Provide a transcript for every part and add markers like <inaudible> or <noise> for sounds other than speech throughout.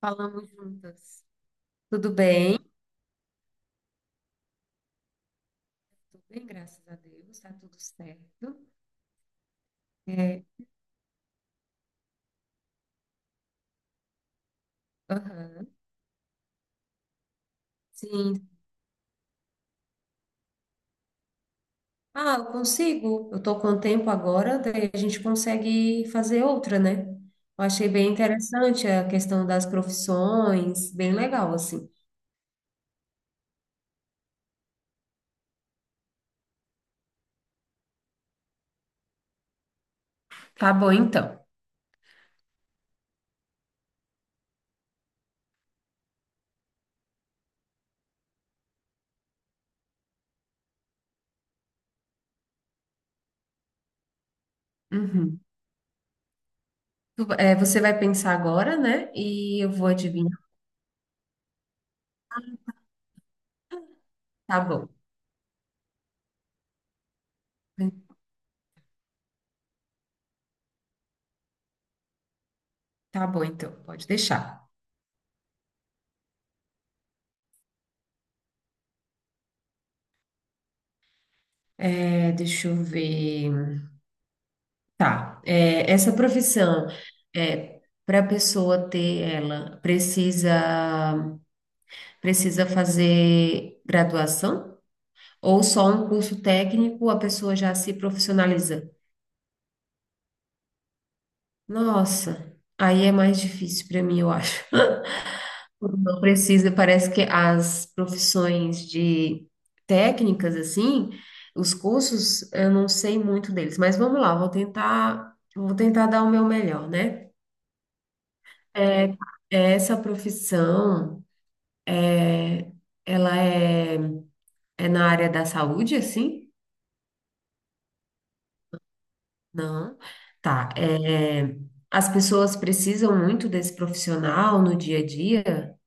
Falamos juntas. Tudo bem? Tudo bem, graças a Deus, está tudo certo. É, aham, sim. Ah, eu consigo. Eu tô com tempo agora, daí a gente consegue fazer outra, né? Eu achei bem interessante a questão das profissões, bem legal, assim. Tá bom, então. Uhum. Você vai pensar agora, né? E eu vou adivinhar. Tá bom. Tá bom, então, pode deixar. Deixa eu ver. Tá, essa profissão, é, para a pessoa ter ela, precisa fazer graduação? Ou só um curso técnico a pessoa já se profissionaliza? Nossa, aí é mais difícil para mim, eu acho. <laughs> Não precisa, parece que as profissões de técnicas, assim, os cursos, eu não sei muito deles, mas vamos lá, vou tentar dar o meu melhor, né? É, essa profissão, é, ela é na área da saúde, assim? Não. Tá. As pessoas precisam muito desse profissional no dia a dia?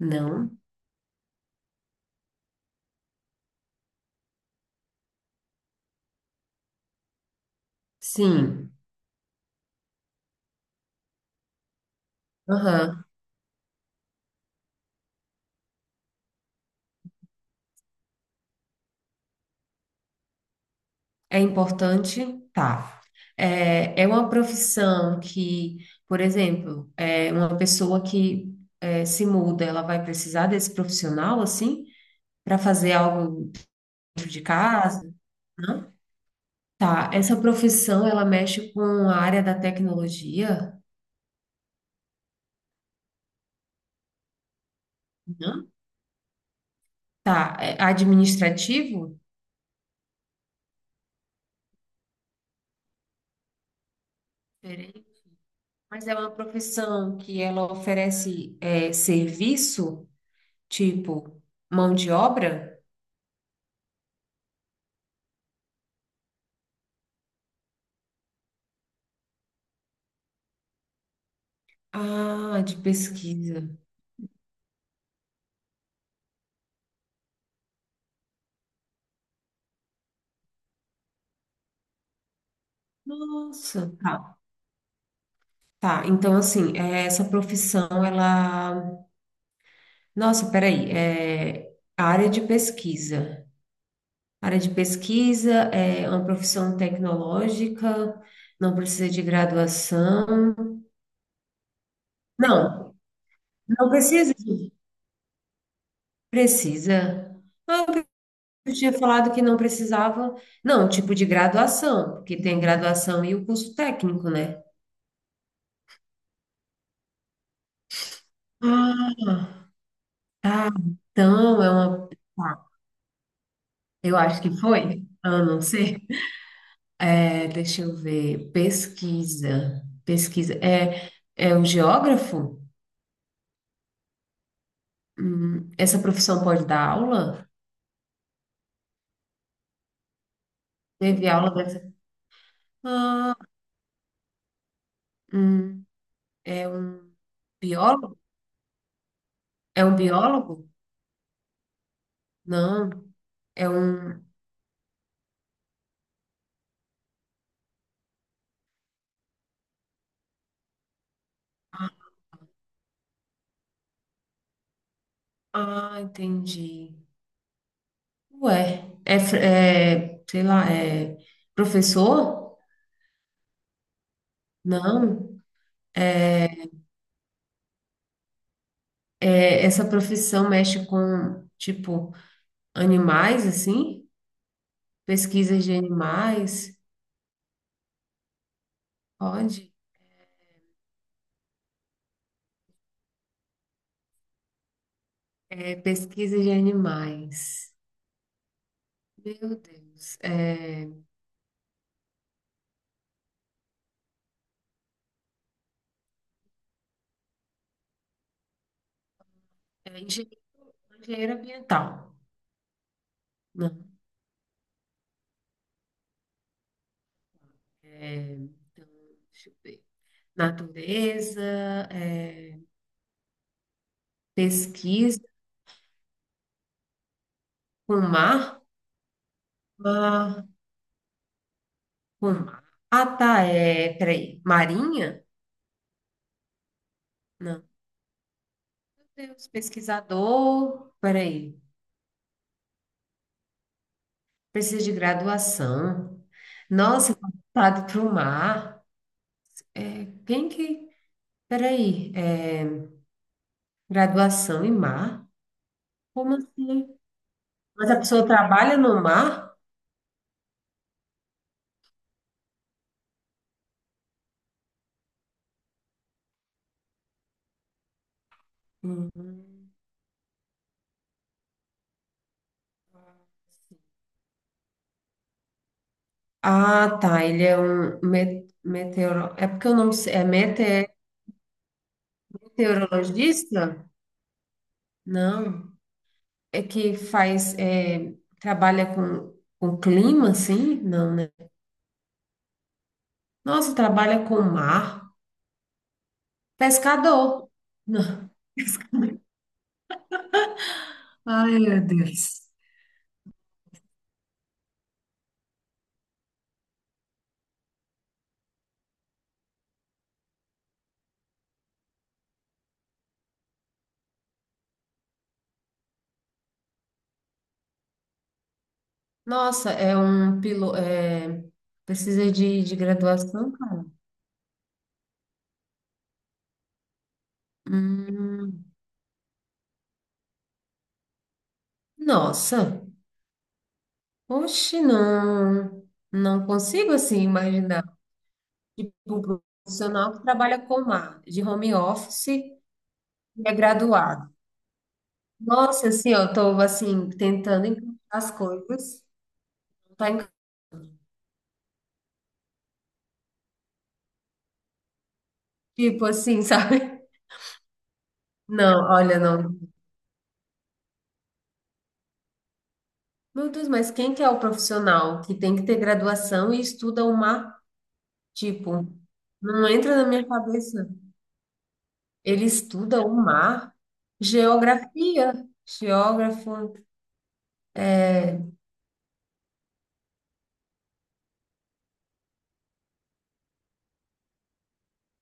Não. Sim. Aham. É importante? Tá. É uma profissão que, por exemplo, é uma pessoa que se muda, ela vai precisar desse profissional, assim, para fazer algo dentro de casa? Não? Tá, essa profissão ela mexe com a área da tecnologia? Não? Tá, é administrativo? Peraí. Mas é uma profissão que ela oferece serviço, tipo mão de obra? Ah, de pesquisa. Nossa. Tá, tá. Então, assim, essa profissão, ela. Nossa, peraí. Área de pesquisa. Área de pesquisa é uma profissão tecnológica, não precisa de graduação. Não, não precisa de. Precisa. Eu tinha falado que não precisava, não, tipo de graduação, porque tem graduação e o curso técnico, né? Ah, tá. Então, é uma. Tá, eu acho que foi. Ah, não sei. Deixa eu ver. Pesquisa. Pesquisa. É o geógrafo? Essa profissão pode dar aula? Teve aula dessa. Ah, hum, é um biólogo? É um biólogo? Não, é um. Ah, ah, entendi. Ué, sei lá, é professor? Não, essa profissão mexe com, tipo, animais, assim? Pesquisas de animais? Pode? É pesquisa de animais. Meu Deus. É engenheiro ambiental. Não. Então, deixa eu ver. Natureza, é, pesquisa com mar, com mar. Ah, tá, peraí, marinha? Não, meu Deus, pesquisador, peraí, precisa de graduação. Nossa, tá voltado para o mar. Quem que, peraí, graduação em mar? Como assim? Mas a pessoa trabalha no mar? Hum. Ah, tá. Ele é um meteoro. É porque eu não sei. É meteorologista? Não. É que faz. Trabalha com clima, assim? Não, né? Nossa, trabalha com mar. Pescador. <laughs> Não. Ai, meu Deus. Nossa, é um piloto. Precisa de graduação, cara? Hum, nossa. Oxe, não. Não consigo assim imaginar. Tipo, um profissional que trabalha com mar, de home office, e é graduado. Nossa, assim, ó, eu tô, assim, tentando encaixar as coisas, tá, tipo, assim, <laughs> sabe? Não, olha, não. Meu Deus, mas quem que é o profissional que tem que ter graduação e estuda o mar? Tipo, não entra na minha cabeça. Ele estuda o mar, geografia, geógrafo. é,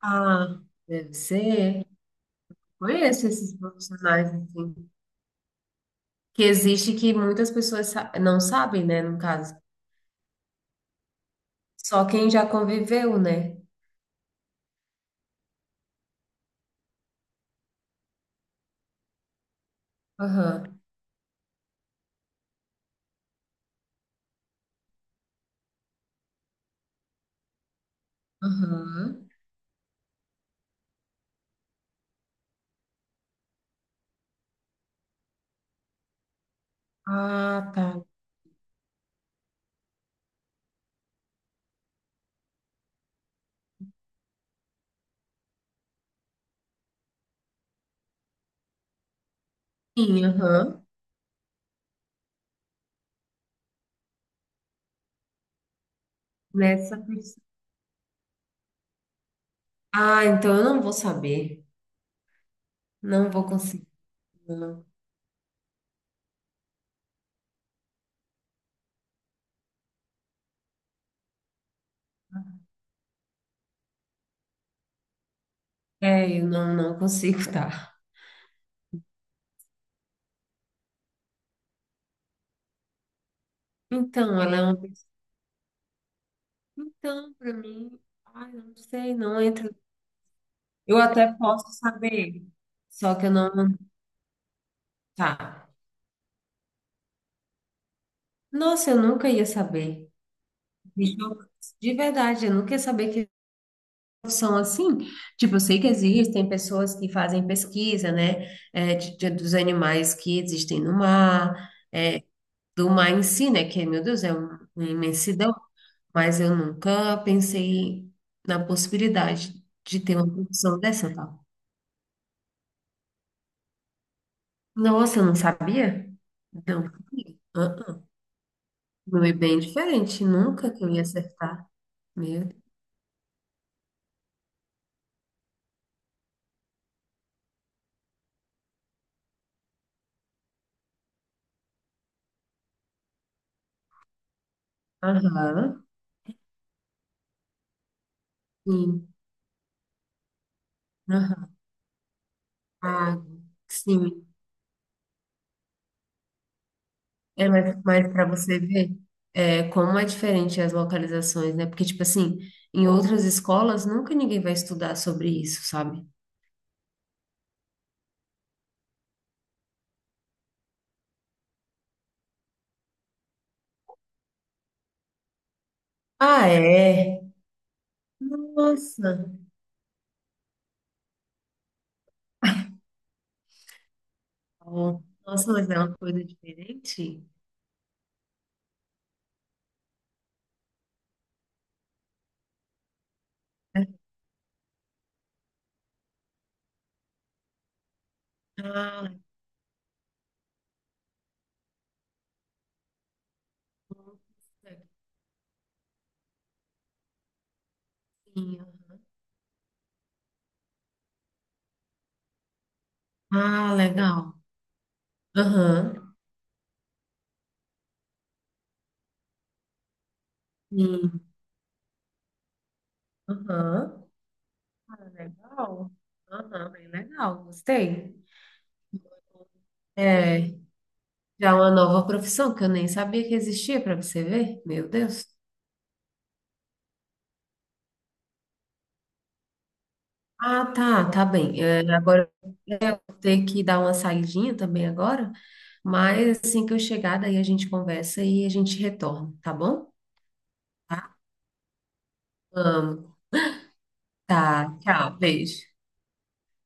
Ah, deve ser. Conheço esses profissionais, assim, que existe, que muitas pessoas não sabem, né, no caso. Só quem já conviveu, né? Aham, aham. Ah, tá. Sim, aham. Nessa pessoa. Ah, então eu não vou saber. Não vou conseguir. Não. Eu não, consigo, tá? Então, ela é uma pessoa. Então, para mim, ai, não sei, não entra. Eu até posso saber, só que eu não. Tá. Nossa, eu nunca ia saber. Me chocou. De verdade, eu nunca ia saber que profissão assim? Tipo, eu sei que existem pessoas que fazem pesquisa, né, dos animais que existem no mar, do mar em si, né, que, meu Deus, uma imensidão, mas eu nunca pensei na possibilidade de ter uma profissão dessa, tá? Nossa, eu não sabia? Não, sabia. Ah, ah. Não é bem diferente, nunca que eu ia acertar. Meu Deus. Aham, sim, aham. Ah, sim, mas para você ver como é diferente as localizações, né? Porque, tipo assim, em outras escolas nunca ninguém vai estudar sobre isso, sabe? Ah, é? Nossa! Ó, nossa, mas é uma coisa diferente? Ah, nossa, sim. Ah, legal. Aham, sim. Aham. Ah, legal. Aham, bem legal, gostei. É, já é uma nova profissão que eu nem sabia que existia, para você ver. Meu Deus. Ah, tá, tá bem. Agora eu vou ter que dar uma saidinha também agora, mas assim que eu chegar, daí a gente conversa e a gente retorna, tá bom? Tá? Amo. Tá, tchau, beijo.